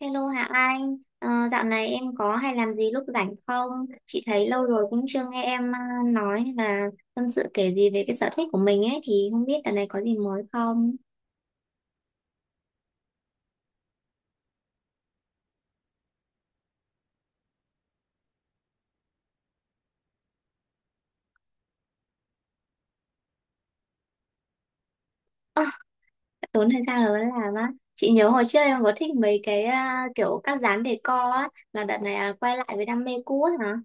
Hello Hạ Anh, dạo này em có hay làm gì lúc rảnh không? Chị thấy lâu rồi cũng chưa nghe em à, nói hay là tâm sự kể gì về cái sở thích của mình ấy thì không biết dạo này có gì mới không? Ơ, tốn thời gian lớn làm á. Chị nhớ hồi trước em có thích mấy cái kiểu các dán decor á, là đợt này là quay lại với đam mê cũ ấy hả?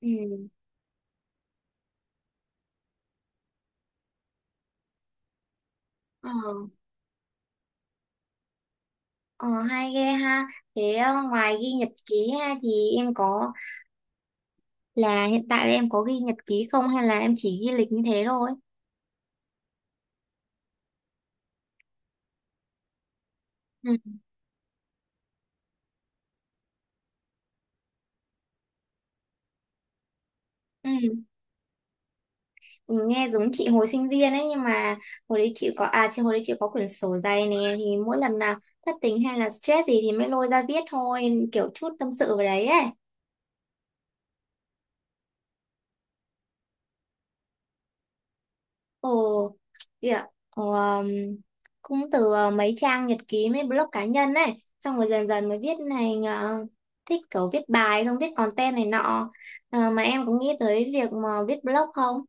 Ừ. Ờ, ờ, hay ghê ha. Thế ngoài ghi nhật ký ha thì em có là hiện tại là em có ghi nhật ký không hay là em chỉ ghi lịch như thế thôi? Ừ. Ừ. Nghe giống chị hồi sinh viên ấy, nhưng mà hồi đấy chị có quyển sổ dày nè, thì mỗi lần nào thất tình hay là stress gì thì mới lôi ra viết thôi, kiểu chút tâm sự vào đấy ấy. Ồ, kìa. ồ, um, Cũng từ mấy trang nhật ký, mấy blog cá nhân ấy, xong rồi dần dần mới viết thành thích kiểu viết bài, không viết content này nọ. Mà em có nghĩ tới việc mà viết blog không?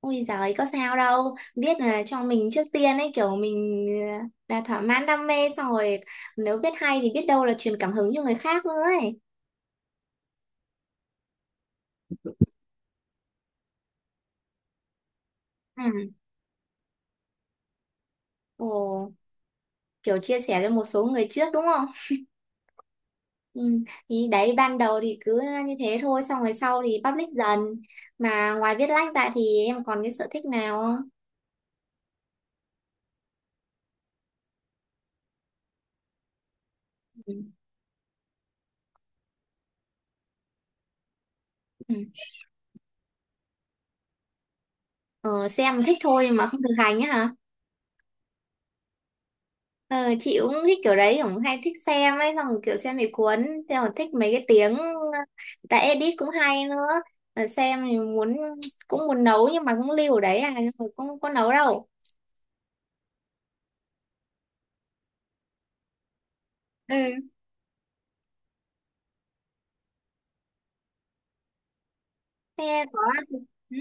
Ôi giời, có sao đâu. Viết là cho mình trước tiên ấy, kiểu mình đã thỏa mãn đam mê xong rồi nếu viết hay thì biết đâu là truyền cảm hứng cho người khác nữa ấy. Ừ. Ồ, kiểu chia sẻ cho một số người trước đúng không? Ừ. Thì đấy, ban đầu thì cứ như thế thôi, xong rồi sau thì public dần. Mà ngoài viết lách ra thì em còn cái sở thích nào không? Ừ. Ừ. Ờ, xem thích thôi mà không thực hành á hả? Ờ, chị cũng thích kiểu đấy, cũng hay thích xem ấy, xong rồi kiểu xem bị cuốn, xem còn thích mấy cái tiếng người ta edit cũng hay nữa. Xem thì muốn, cũng muốn nấu nhưng mà cũng lưu ở đấy à, nhưng mà cũng có nấu đâu. Ừ. Thế có ừ,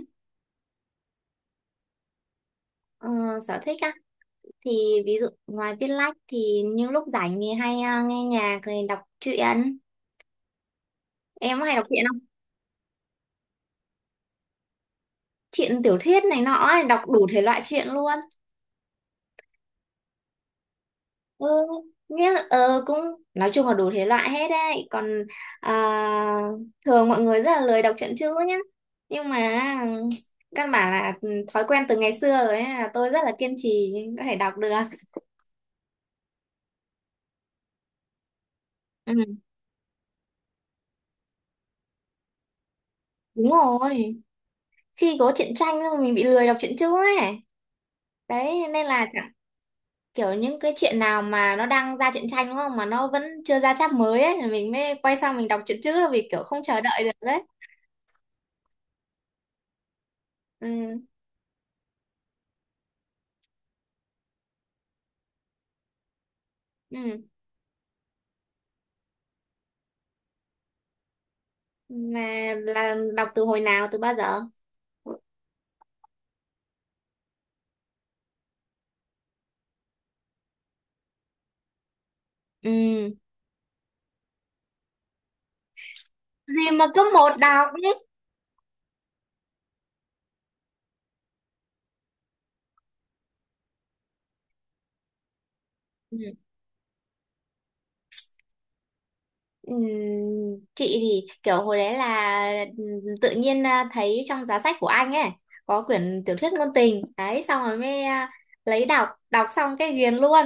ờ, sở thích á thì ví dụ ngoài viết lách thì những lúc rảnh thì hay nghe nhạc rồi đọc truyện. Em có hay đọc truyện không? Truyện tiểu thuyết này nọ ấy, đọc đủ thể loại truyện luôn. Ừ, nghĩa là cũng nói chung là đủ thể loại hết đấy, còn à, thường mọi người rất là lười đọc truyện chữ nhá, nhưng mà căn bản là thói quen từ ngày xưa rồi ấy, là tôi rất là kiên trì có thể đọc được. Ừ, đúng rồi. Khi có truyện tranh xong mình bị lười đọc truyện chữ ấy, đấy nên là kiểu những cái chuyện nào mà nó đang ra truyện tranh đúng không mà nó vẫn chưa ra chap mới ấy thì mình mới quay sang mình đọc truyện chữ, là vì kiểu không chờ đợi được ấy. Ừ. Ừ. Mà là đọc từ hồi nào từ bao giờ? Ừ, gì mà cứ một đọc ấy. Ừ. Ừm, chị thì kiểu hồi đấy là tự nhiên thấy trong giá sách của anh ấy có quyển tiểu thuyết ngôn tình đấy, xong rồi mới lấy đọc, đọc xong cái ghiền luôn.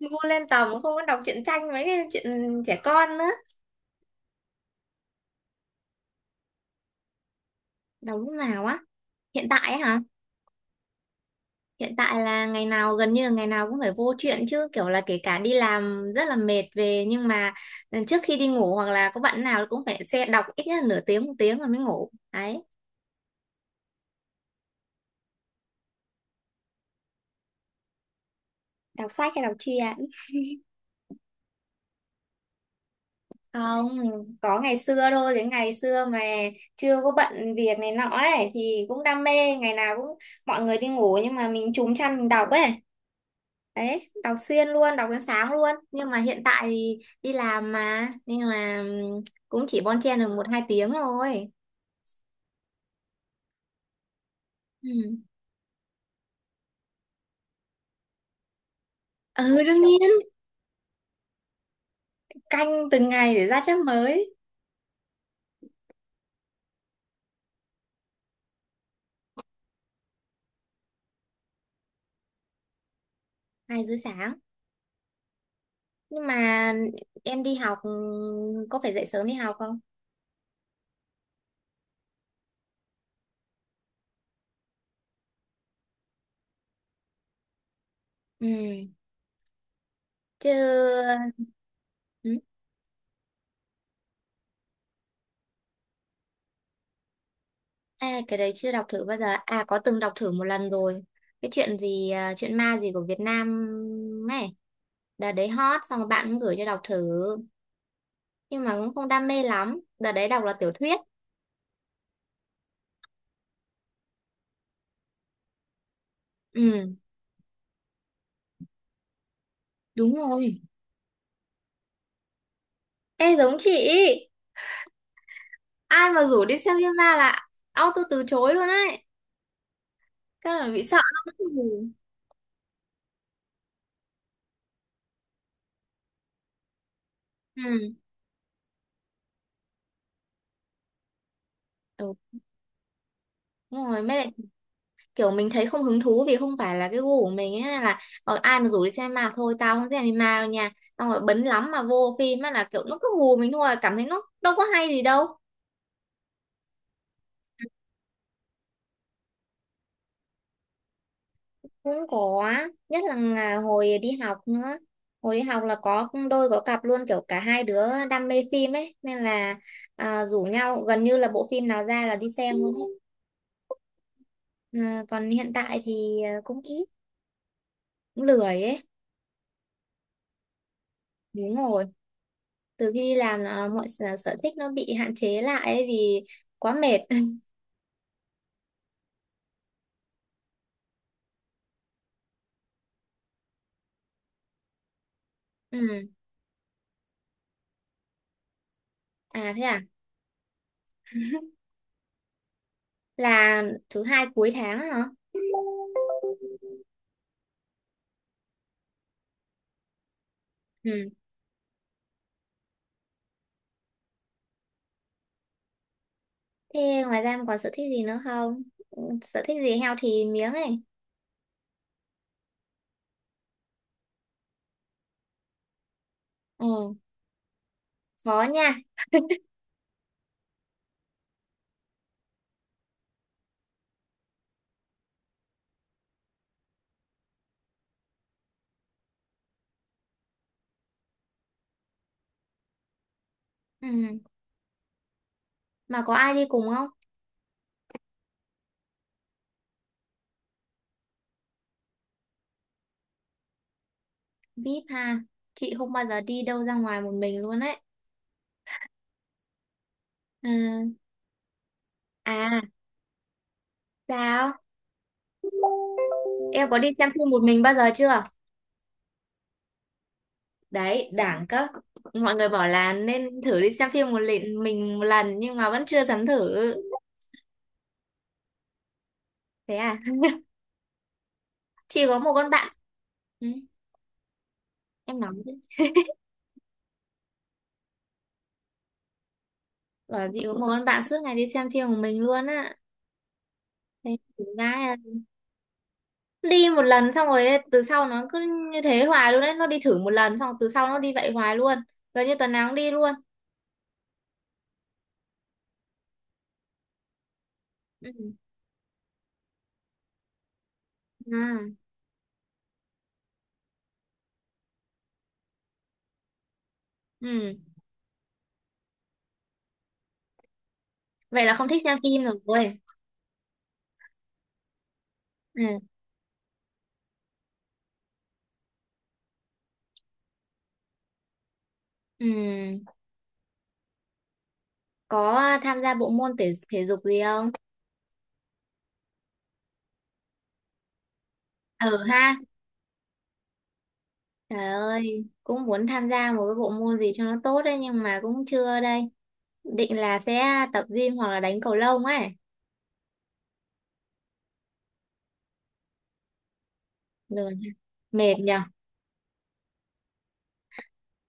Ngu lên tầm không có đọc truyện tranh mấy cái chuyện trẻ con nữa. Đọc lúc nào á? Hiện tại á? Hiện tại là ngày nào, gần như là ngày nào cũng phải vô chuyện chứ, kiểu là kể cả đi làm rất là mệt về nhưng mà trước khi đi ngủ hoặc là có bạn nào cũng phải xe đọc ít nhất là nửa tiếng một tiếng rồi mới ngủ đấy. Đọc sách hay đọc truyện? Không, có ngày xưa thôi, cái ngày xưa mà chưa có bận việc này nọ ấy thì cũng đam mê, ngày nào cũng mọi người đi ngủ nhưng mà mình trúm chăn mình đọc ấy, đấy đọc xuyên luôn, đọc đến sáng luôn, nhưng mà hiện tại thì đi làm mà nên là cũng chỉ bon chen được một hai tiếng thôi. Ừ. Ừ đương nhiên. Canh từng ngày để ra chép mới. Hai rưỡi sáng? Nhưng mà em đi học có phải dậy sớm đi học không? Ừ chứ. Ừ. À, cái đấy chưa đọc thử bao giờ. À, có từng đọc thử một lần rồi, cái chuyện gì, à, chuyện ma gì của Việt Nam ấy, đợt đấy hot xong rồi bạn cũng gửi cho đọc thử, nhưng mà cũng không đam mê lắm, đợt đấy đọc là tiểu thuyết. Ừ. Đúng rồi. Ê, giống chị, ai mà rủ đi xem phim ma là auto từ chối luôn ấy. Các là bị sợ lắm. Ừ. Ừ. Ừ. Đúng rồi, mới lại kiểu mình thấy không hứng thú vì không phải là cái gu của mình ấy, là còn ai mà rủ đi xem ma thôi tao không xem ma đâu nha, xong rồi bấn lắm mà vô phim á là kiểu nó cứ hù mình thôi, cảm thấy nó đâu có hay gì đâu. Cũng có, nhất là hồi đi học nữa, hồi đi học là có đôi có cặp luôn, kiểu cả hai đứa đam mê phim ấy nên là rủ nhau gần như là bộ phim nào ra là đi xem luôn ấy. Ừ, còn hiện tại thì cũng ít, cũng lười ấy. Đúng rồi, từ khi đi làm là mọi sở sở thích nó bị hạn chế lại ấy, vì quá mệt. ừ. À, thế à. là thứ hai cuối tháng á hả? Ừ. Thế ngoài ra em còn sở thích gì nữa không? Ừ, sở thích gì heo thì miếng ấy. Ừ, khó nha. Ừ, mà có ai đi cùng không? Vip ha, chị không bao giờ đi đâu ra ngoài một mình luôn ấy. Ừ. À, sao? Em có đi xem phim một mình bao giờ chưa? Đấy đảng cấp, mọi người bảo là nên thử đi xem phim một lần mình một lần nhưng mà vẫn chưa dám thử. Thế à, chị có một con bạn. Ừ, em nói chứ, bảo chị có một con bạn suốt ngày đi xem phim của mình luôn á. Thế thực ra là đi một lần xong rồi từ sau nó cứ như thế hoài luôn đấy, nó đi thử một lần xong rồi từ sau nó đi vậy hoài luôn, gần như tuần nào cũng đi luôn. Ừ. À. Ừ. Vậy là không thích xem phim rồi. Ừ. Ừ. Có tham gia bộ môn thể thể dục gì không? Ừ ha. Trời ơi, cũng muốn tham gia một cái bộ môn gì cho nó tốt đấy nhưng mà cũng chưa đây. Định là sẽ tập gym hoặc là đánh cầu lông ấy. Rồi, mệt nhở.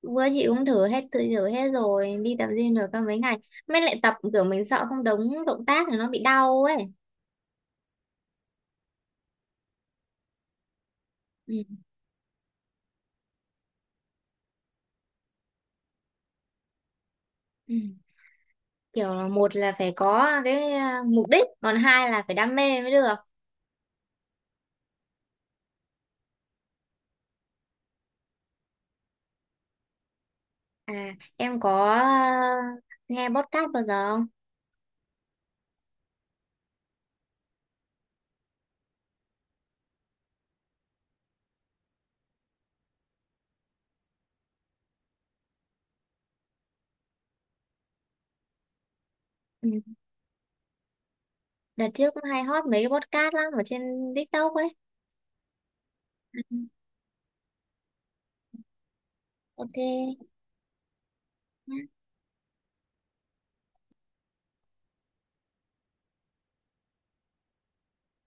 Bữa chị cũng thử hết, thử thử hết rồi, đi tập gym được có mấy ngày. Mới lại tập kiểu mình sợ không đúng động tác thì nó bị đau ấy. Ừ. Ừ. Kiểu là một là phải có cái mục đích, còn hai là phải đam mê mới được. À, em có nghe podcast bao giờ không? Ừ. Đợt trước cũng hay hot mấy cái podcast lắm ở trên TikTok ấy. Ừ. Ok,